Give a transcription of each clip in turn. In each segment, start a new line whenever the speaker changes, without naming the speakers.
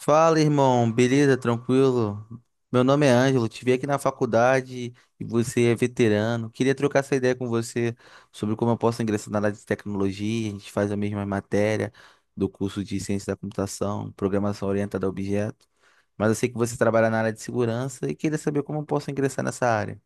Fala, irmão, beleza? Tranquilo? Meu nome é Ângelo, te vi aqui na faculdade e você é veterano. Queria trocar essa ideia com você sobre como eu posso ingressar na área de tecnologia. A gente faz a mesma matéria do curso de Ciência da Computação, Programação Orientada a Objeto, mas eu sei que você trabalha na área de segurança e queria saber como eu posso ingressar nessa área.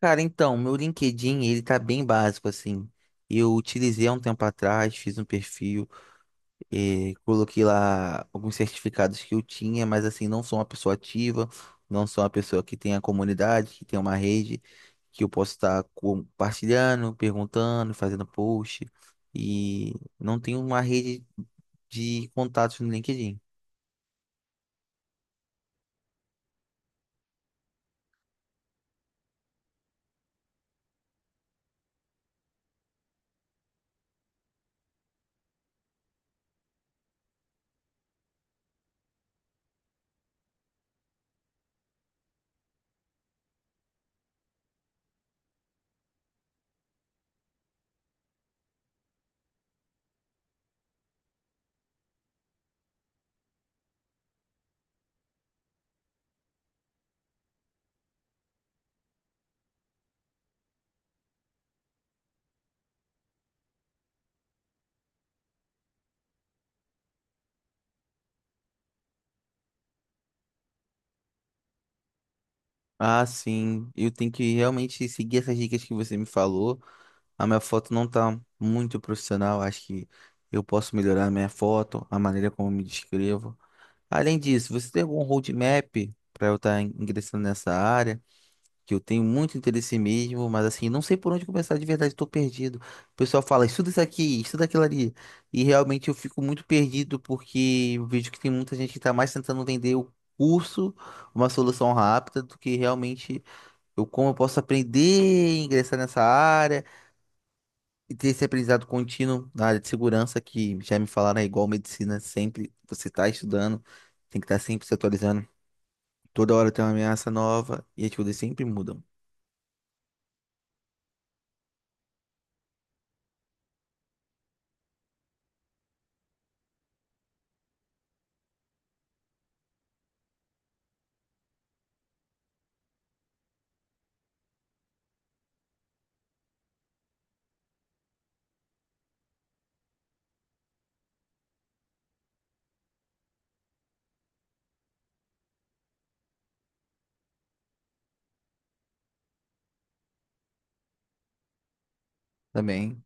Cara, então, meu LinkedIn, ele tá bem básico assim. Eu utilizei há um tempo atrás, fiz um perfil e coloquei lá alguns certificados que eu tinha, mas assim, não sou uma pessoa ativa, não sou uma pessoa que tem a comunidade, que tem uma rede, que eu posso estar compartilhando, perguntando, fazendo post. E não tenho uma rede de contatos no LinkedIn. Ah, sim, eu tenho que realmente seguir essas dicas que você me falou. A minha foto não tá muito profissional, acho que eu posso melhorar a minha foto, a maneira como eu me descrevo. Além disso, você tem algum roadmap para eu estar ingressando nessa área? Que eu tenho muito interesse mesmo, mas assim, não sei por onde começar de verdade, estou perdido. O pessoal fala, estuda isso aqui, estuda aquilo ali. E realmente eu fico muito perdido porque eu vejo que tem muita gente que está mais tentando vender o curso, uma solução rápida, do que realmente eu, como eu posso aprender e ingressar nessa área e ter esse aprendizado contínuo na área de segurança, que já me falaram, é igual medicina, sempre você está estudando, tem que estar sempre se atualizando. Toda hora tem uma ameaça nova e as coisas sempre mudam também.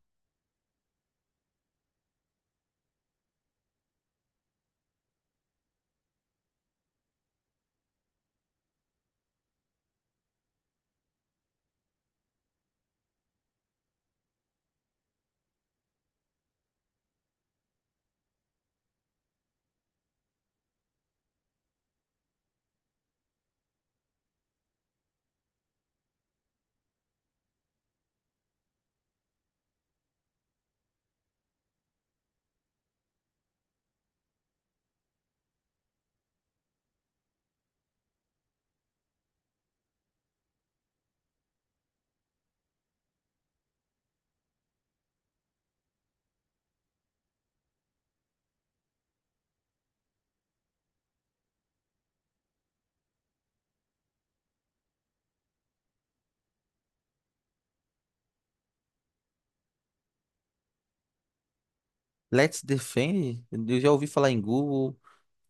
Let's Defend, eu já ouvi falar em Google,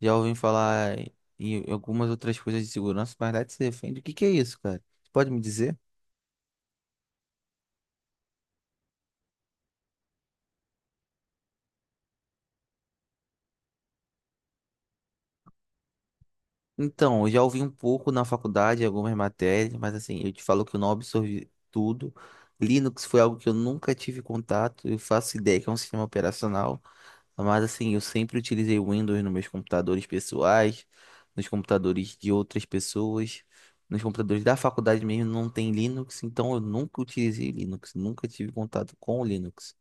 já ouvi falar em algumas outras coisas de segurança, mas Let's Defend, o que que é isso, cara? Você pode me dizer? Então, eu já ouvi um pouco na faculdade, algumas matérias, mas assim, eu te falo que eu não absorvi tudo. Linux foi algo que eu nunca tive contato, eu faço ideia que é um sistema operacional. Mas assim, eu sempre utilizei o Windows nos meus computadores pessoais, nos computadores de outras pessoas, nos computadores da faculdade mesmo não tem Linux, então eu nunca utilizei Linux, nunca tive contato com o Linux.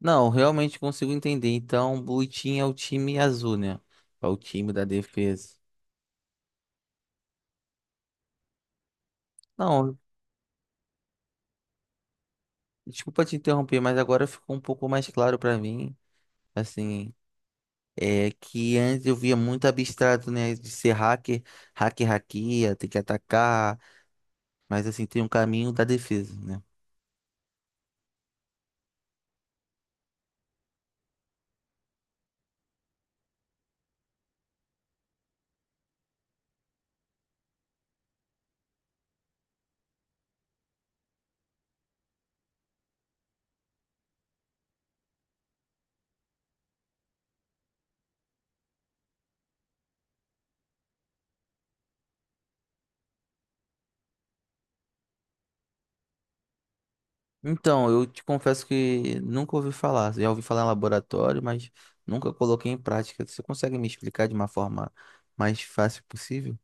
Não, realmente consigo entender. Então, o Blue Team é o time azul, né? É o time da defesa. Não, desculpa te interromper, mas agora ficou um pouco mais claro pra mim, assim, é que antes eu via muito abstrato, né, de ser hacker, hacker hackeia, tem que atacar. Mas assim, tem um caminho da defesa, né? Então, eu te confesso que nunca ouvi falar. Já ouvi falar em laboratório, mas nunca coloquei em prática. Você consegue me explicar de uma forma mais fácil possível?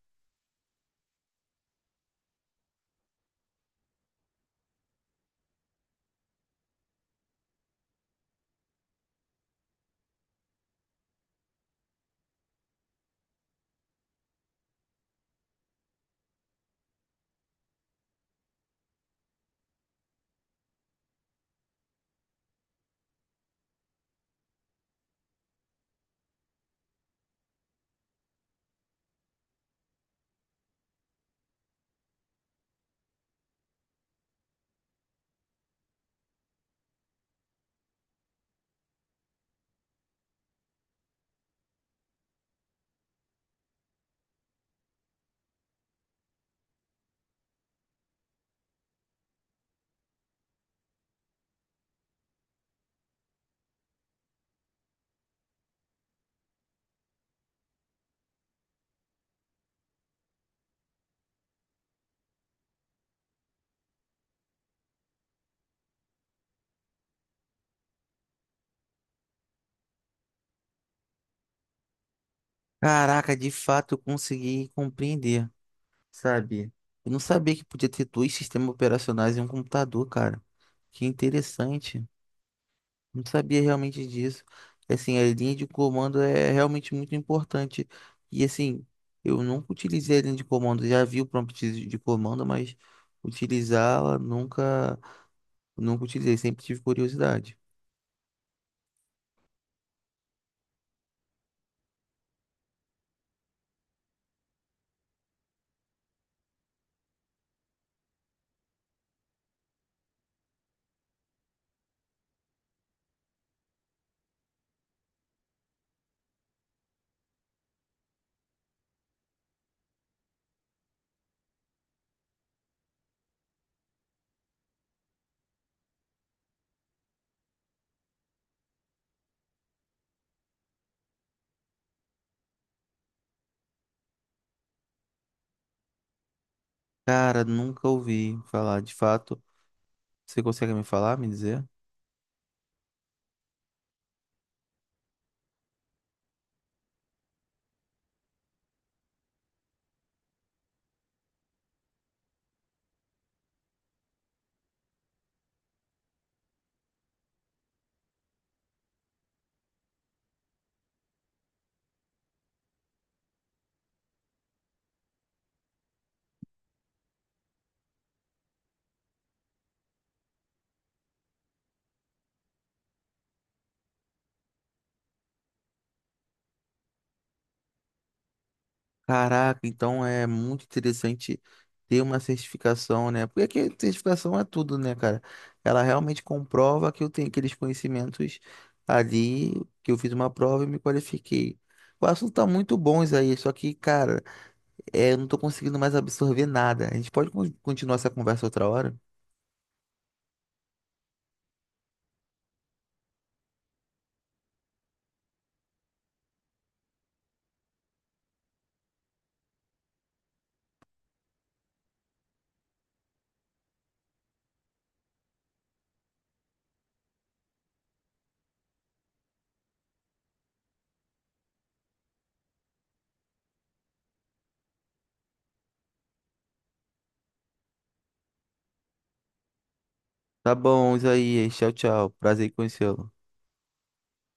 Caraca, de fato eu consegui compreender, sabe? Eu não sabia que podia ter dois sistemas operacionais em um computador, cara. Que interessante. Não sabia realmente disso. Assim, a linha de comando é realmente muito importante. E assim, eu nunca utilizei a linha de comando. Já vi o prompt de comando, mas utilizá-la nunca, nunca utilizei. Sempre tive curiosidade. Cara, nunca ouvi falar. De fato, você consegue me falar, me dizer? Caraca, então é muito interessante ter uma certificação, né? Porque aqui, certificação é tudo, né, cara? Ela realmente comprova que eu tenho aqueles conhecimentos ali, que eu fiz uma prova e me qualifiquei. O assunto tá muito bom isso aí, só que, cara, é, eu não tô conseguindo mais absorver nada. A gente pode continuar essa conversa outra hora? Tá bom, Isaías. Tchau, tchau. Prazer em conhecê-lo.